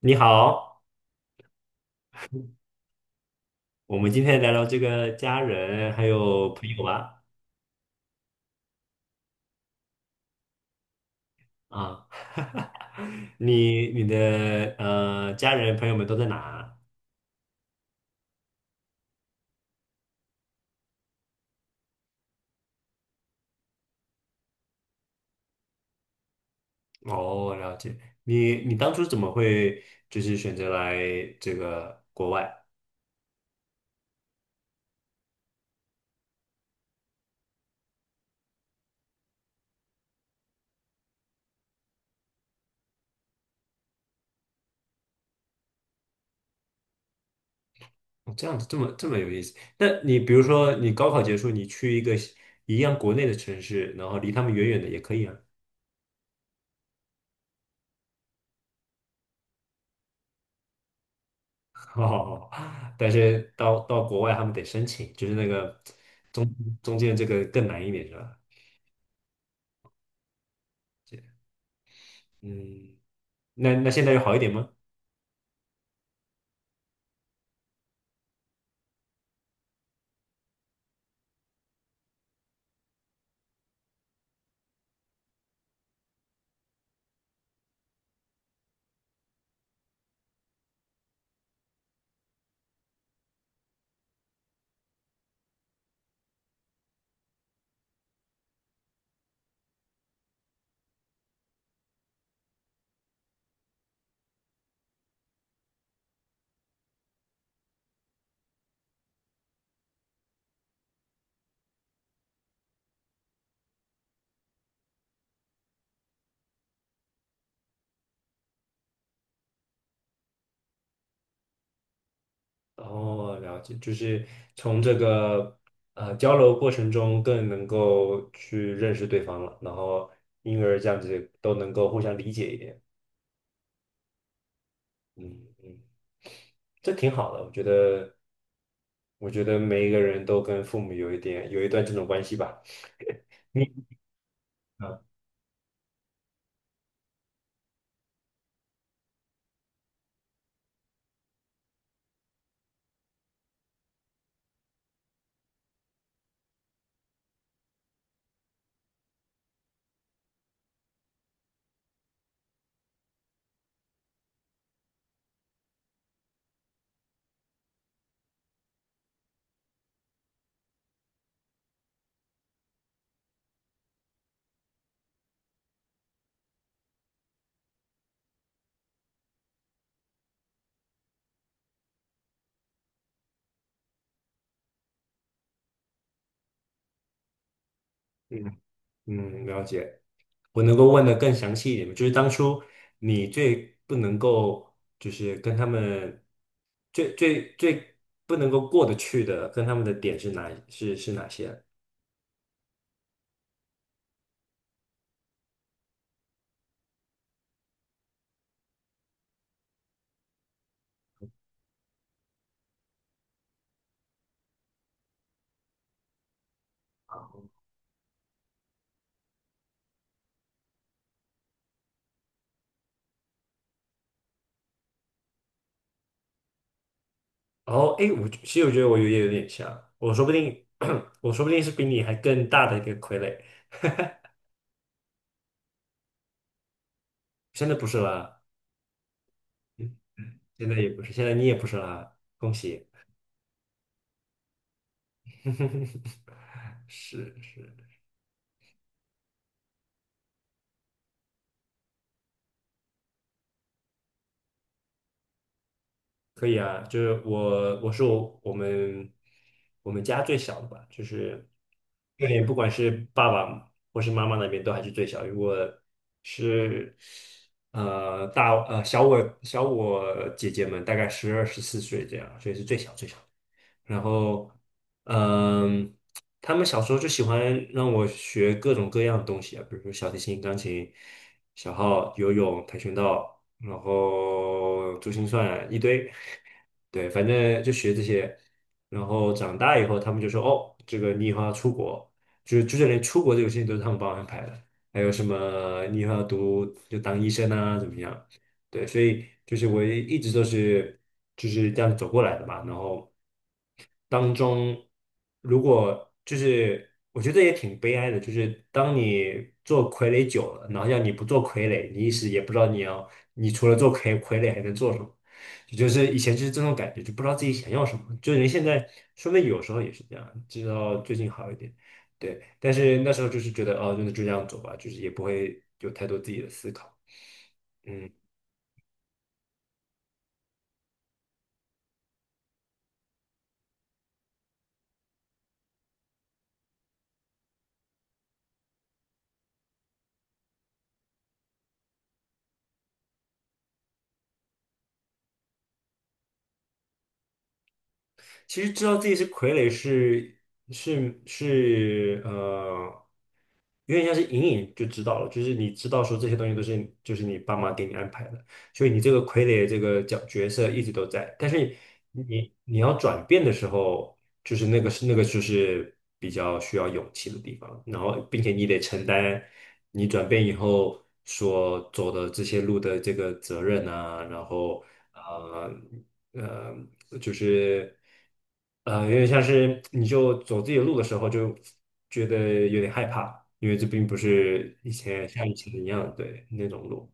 你好，我们今天聊聊这个家人还有朋友吧。啊，你的家人朋友们都在哪？哦，了解。你当初怎么会就是选择来这个国外？哦这样子这么有意思。那你比如说你高考结束，你去一个一样国内的城市，然后离他们远远的也可以啊。哦，但是到国外他们得申请，就是那个中中间这个更难一点是吧？解，嗯，那那现在有好一点吗？哦，了解，就是从这个交流过程中更能够去认识对方了，然后因而这样子都能够互相理解一点，嗯嗯，这挺好的，我觉得，我觉得每一个人都跟父母有一段这种关系吧，你啊，嗯嗯，了解。我能够问的更详细一点吗，就是当初你最不能够，就是跟他们最不能够过得去的，跟他们的点是哪是是哪些？然后，哎，我其实我觉得我有点像，我说不定 我说不定是比你还更大的一个傀儡，现在不是啦，嗯，现在也不是，现在你也不是啦，恭喜，是是。可以啊，就是我，我我们家最小的吧，就是对，不管是爸爸或是妈妈那边都还是最小。如果是小我姐姐们，大概12到14岁这样，所以是最小。然后，嗯，他们小时候就喜欢让我学各种各样的东西啊，比如说小提琴、钢琴、小号、游泳、跆拳道，然后珠心算一堆，对，反正就学这些。然后长大以后，他们就说：“哦，这个你以后要出国，就是连出国这个事情都是他们帮我安排的。还有什么你以后要读就当医生啊，怎么样？对，所以就是我一直都是就是这样走过来的嘛，然后。”当中，如果就是我觉得也挺悲哀的，就是当你做傀儡久了，然后要你不做傀儡，你一时也不知道你要，你除了做傀儡还能做什么。也就是以前就是这种感觉，就不知道自己想要什么。就人现在，说不定有时候也是这样，直到最近好一点。对，但是那时候就是觉得，哦，那就这样走吧，就是也不会有太多自己的思考。嗯，其实知道自己是傀儡是有点像是隐隐就知道了，就是你知道说这些东西都是就是你爸妈给你安排的。所以你这个傀儡这个角色一直都在，但是你要转变的时候，就是那个是那个就是比较需要勇气的地方，然后并且你得承担你转变以后所走的这些路的这个责任啊，然后呃就是有点像是你就走自己的路的时候就觉得有点害怕，因为这并不是以前像以前一样对那种路。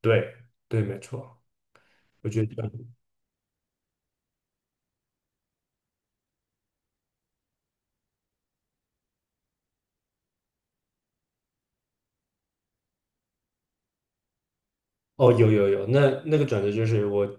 对对，没错，我觉得哦，有，那那个转折就是我，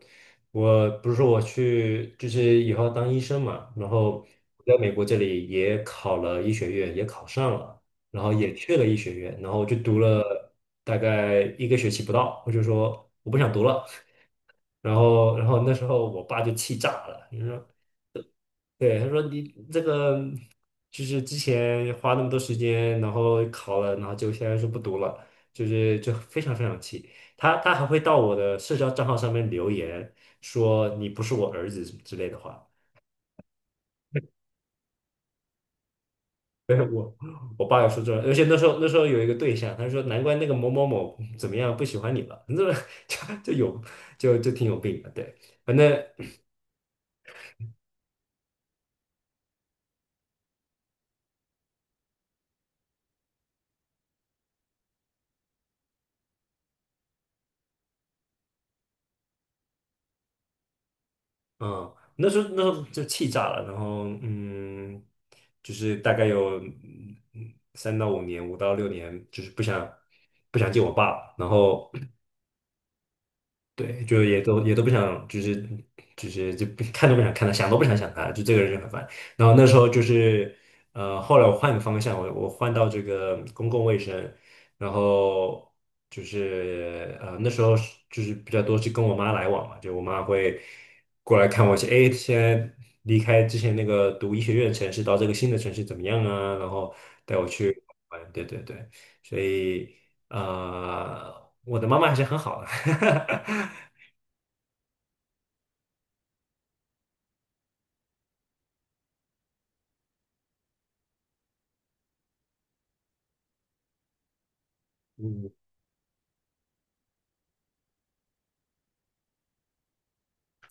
我不是说我去，就是以后要当医生嘛，然后我在美国这里也考了医学院，也考上了，然后也去了医学院，然后就读了大概一个学期不到，我就说我不想读了，然后那时候我爸就气炸了，说。对，他说你这个就是之前花那么多时间，然后考了，然后就现在说不读了，就非常非常气。他还会到我的社交账号上面留言说你不是我儿子之类的话。对，我爸也说这，而且那时候有一个对象，他说难怪那个某某某怎么样不喜欢你了，你怎么 就就有挺有病的。对，反正嗯，那时候就气炸了，然后嗯，就是大概有嗯3到5年，5到6年，就是不想见我爸，然后对，就也都不想，就是就不看都不想看他，想都不想想他，就这个人就很烦。然后那时候就是，呃，后来我换个方向，我换到这个公共卫生，然后就是那时候是就是比较多是跟我妈来往嘛，就我妈会过来看我一些，哎，现在离开之前那个读医学院的城市，到这个新的城市怎么样啊？然后带我去玩，对对对，所以。呃，我的妈妈还是很好的，嗯，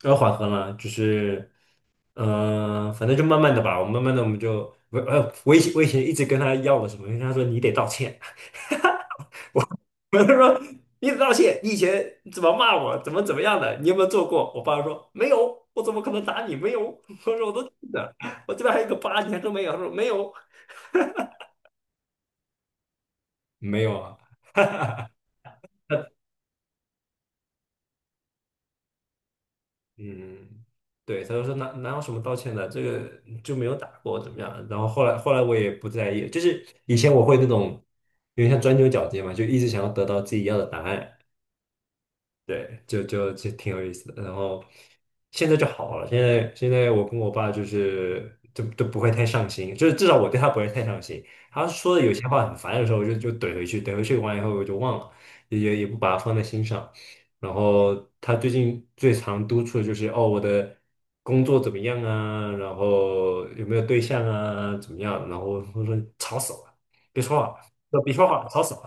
要缓和了，就是，嗯、反正就慢慢的吧，我慢慢的我们就，我以前一直跟他要我什么，因为他说你得道歉，我我就说你得道歉，你以前怎么骂我，怎么样的，你有没有做过？我爸说没有，我怎么可能打你？没有，我说我都记得，我这边还有个疤，你还说没有？他说没有，没有啊。嗯，对，他就说哪有什么道歉的，这个就没有打过怎么样？然后后来我也不在意，就是以前我会那种有点像钻牛角尖嘛，就一直想要得到自己要的答案，对，就挺有意思的。然后现在就好了，现在我跟我爸就是都不会太上心，就是至少我对他不会太上心。他说的有些话很烦的时候，我就怼回去，怼回去完以后我就忘了，也不把它放在心上。然后他最近最常督促的就是哦，我的工作怎么样啊？然后有没有对象啊？怎么样？然后我说吵死了，别说话，别说话，吵死了。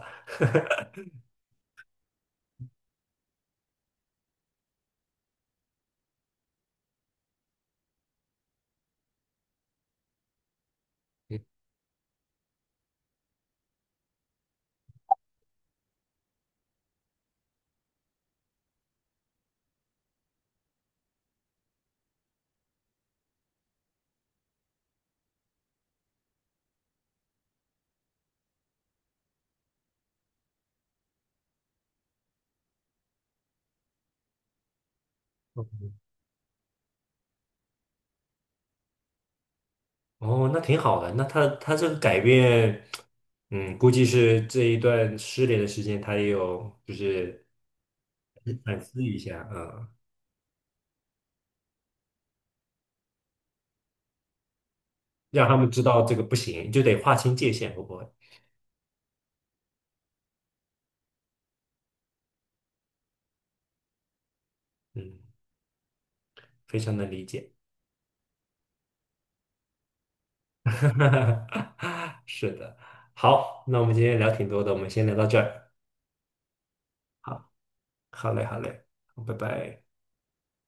哦，那挺好的。那他这个改变，嗯，估计是这一段失联的时间，他也有就是反思一下，嗯，让他们知道这个不行，就得划清界限，会不会？嗯，非常能理解。是的，好，那我们今天聊挺多的，我们先聊到这儿。好，好嘞，好嘞，好拜拜。